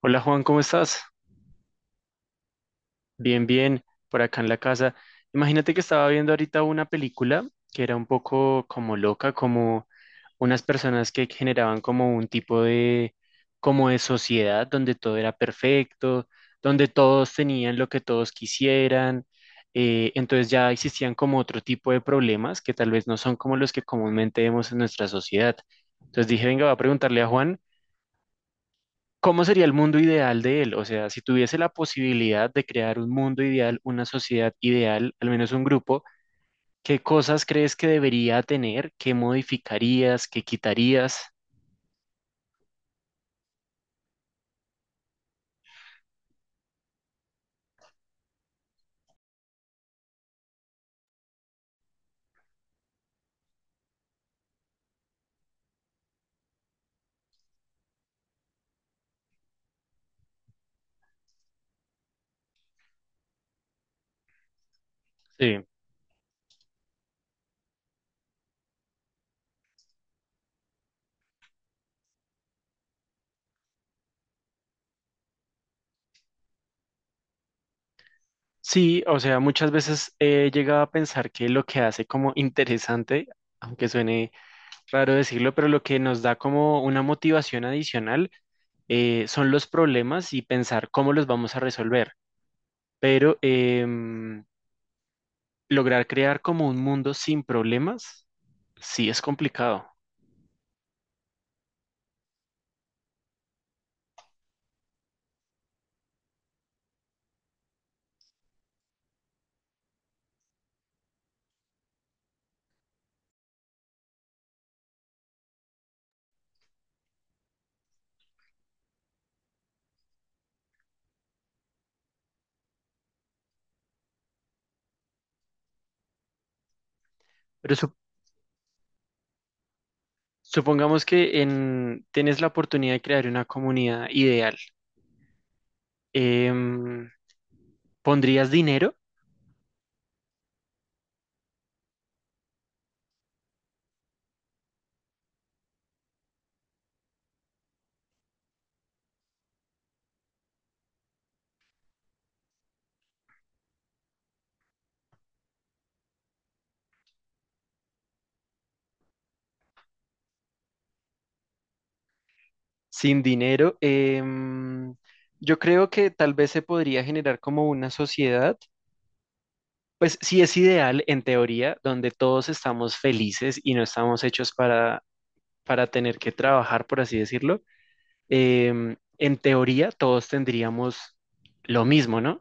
Hola Juan, ¿cómo estás? Bien, bien, por acá en la casa. Imagínate que estaba viendo ahorita una película que era un poco como loca, como unas personas que generaban como un tipo de, como de sociedad donde todo era perfecto, donde todos tenían lo que todos quisieran. Entonces ya existían como otro tipo de problemas que tal vez no son como los que comúnmente vemos en nuestra sociedad. Entonces dije, venga, voy a preguntarle a Juan, ¿cómo sería el mundo ideal de él? O sea, si tuviese la posibilidad de crear un mundo ideal, una sociedad ideal, al menos un grupo, ¿qué cosas crees que debería tener? ¿Qué modificarías? ¿Qué quitarías? Sí. Sí, o sea, muchas veces he llegado a pensar que lo que hace como interesante, aunque suene raro decirlo, pero lo que nos da como una motivación adicional son los problemas y pensar cómo los vamos a resolver. Pero lograr crear como un mundo sin problemas. Sí, es complicado, pero supongamos que en, tienes la oportunidad de crear una comunidad ideal. Em, ¿Pondrías dinero? Sin dinero, yo creo que tal vez se podría generar como una sociedad, pues sí es ideal en teoría, donde todos estamos felices y no estamos hechos para tener que trabajar, por así decirlo. En teoría, todos tendríamos lo mismo, ¿no?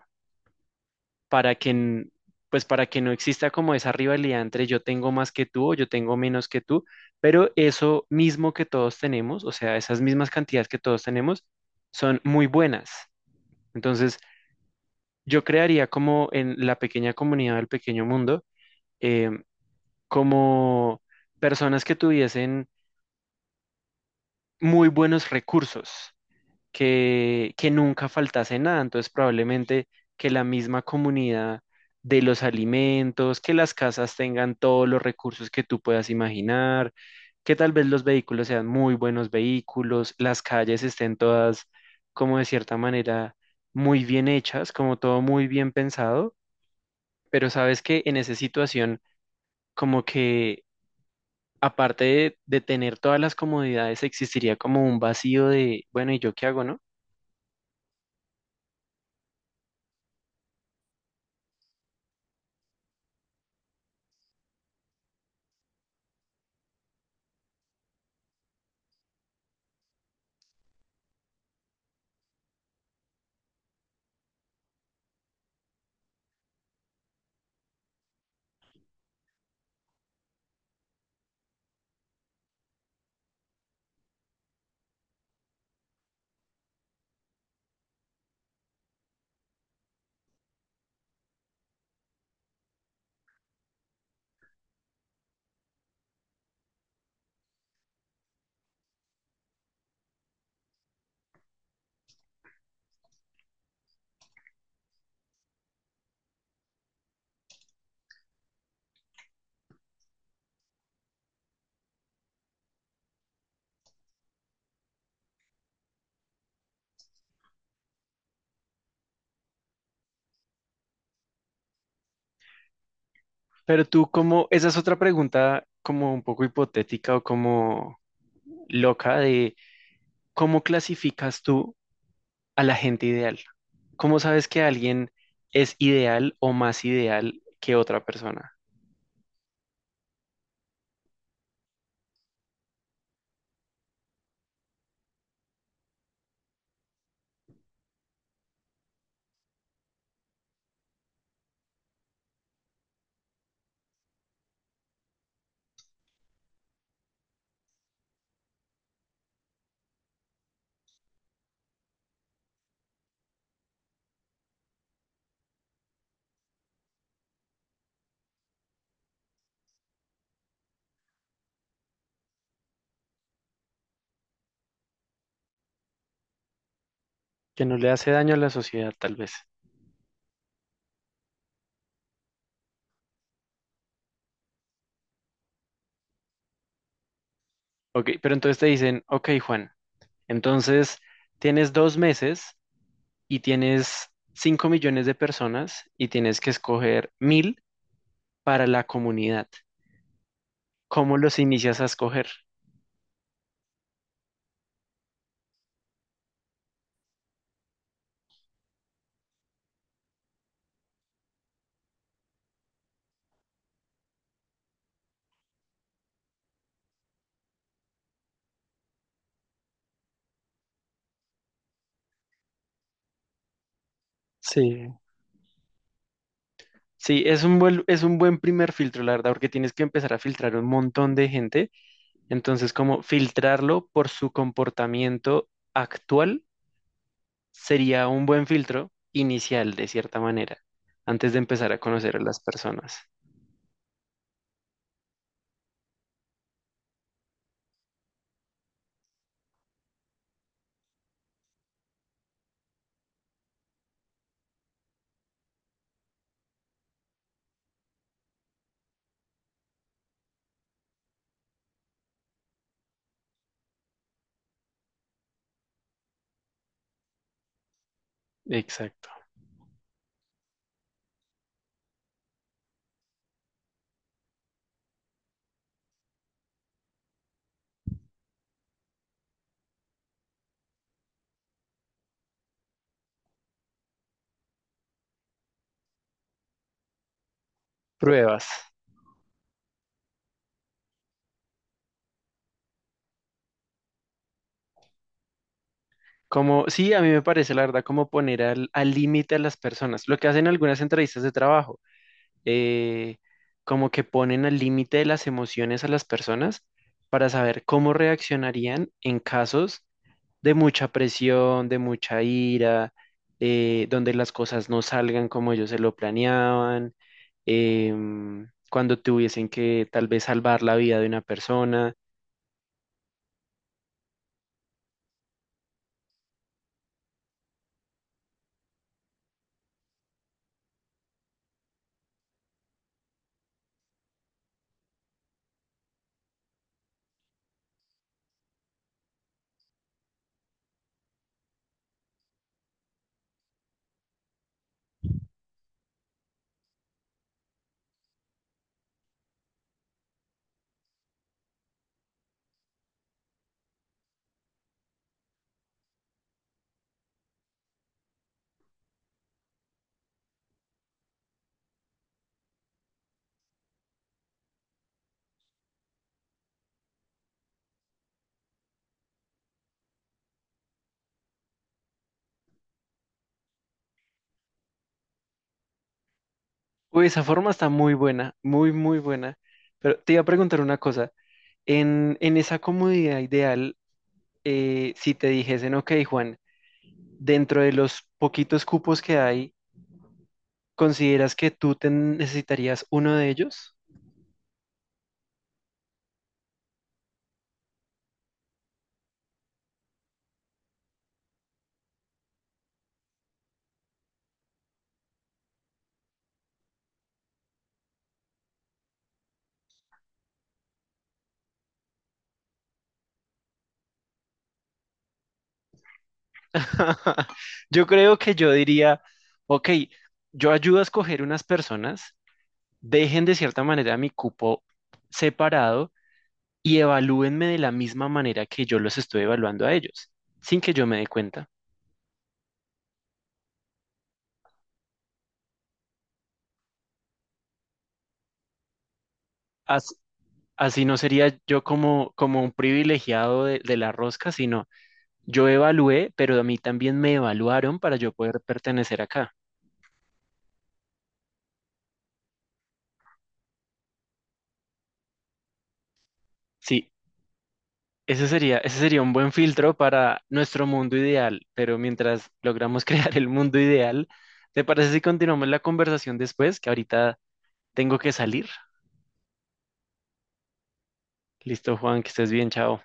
Para que, pues para que no exista como esa rivalidad entre yo tengo más que tú o yo tengo menos que tú, pero eso mismo que todos tenemos, o sea, esas mismas cantidades que todos tenemos, son muy buenas. Entonces, yo crearía como en la pequeña comunidad del pequeño mundo, em, como personas que tuviesen muy buenos recursos. Que nunca faltase nada. Entonces, probablemente que la misma comunidad de los alimentos, que las casas tengan todos los recursos que tú puedas imaginar, que tal vez los vehículos sean muy buenos vehículos, las calles estén todas como de cierta manera muy bien hechas, como todo muy bien pensado, pero sabes que en esa situación como que aparte de tener todas las comodidades existiría como un vacío de, bueno, ¿y yo qué hago, no? Pero tú, como, esa es otra pregunta como un poco hipotética o como loca de cómo clasificas tú a la gente ideal. ¿Cómo sabes que alguien es ideal o más ideal que otra persona? Que no le hace daño a la sociedad, tal vez. Ok, pero entonces te dicen, ok, Juan, entonces tienes 2 meses y tienes 5 millones de personas y tienes que escoger 1000 para la comunidad. ¿Cómo los inicias a escoger? Sí, sí, es un buen primer filtro, la verdad, porque tienes que empezar a filtrar un montón de gente. Entonces, como filtrarlo por su comportamiento actual sería un buen filtro inicial, de cierta manera, antes de empezar a conocer a las personas. Exacto. Pruebas. Como, sí, a mí me parece, la verdad, como poner al límite a las personas, lo que hacen algunas entrevistas de trabajo. eh, Como que ponen al límite de las emociones a las personas para saber cómo reaccionarían en casos de mucha presión, de mucha ira, donde las cosas no salgan como ellos se lo planeaban, cuando tuviesen que tal vez salvar la vida de una persona. Uy, esa forma está muy buena, muy, muy buena. Pero te iba a preguntar una cosa. En esa comodidad ideal, si te dijesen, ok, Juan, dentro de los poquitos cupos que hay, ¿consideras que tú te necesitarías uno de ellos? Yo creo que yo diría, ok, yo ayudo a escoger unas personas, dejen de cierta manera mi cupo separado y evalúenme de la misma manera que yo los estoy evaluando a ellos, sin que yo me dé cuenta. As- Así, no sería yo como, como un privilegiado de la rosca, sino yo evalué, pero a mí también me evaluaron para yo poder pertenecer acá. Sí, ese sería, ese sería un buen filtro para nuestro mundo ideal, pero mientras logramos crear el mundo ideal, ¿te parece si continuamos la conversación después? Que ahorita tengo que salir. Listo, Juan, que estés bien, chao.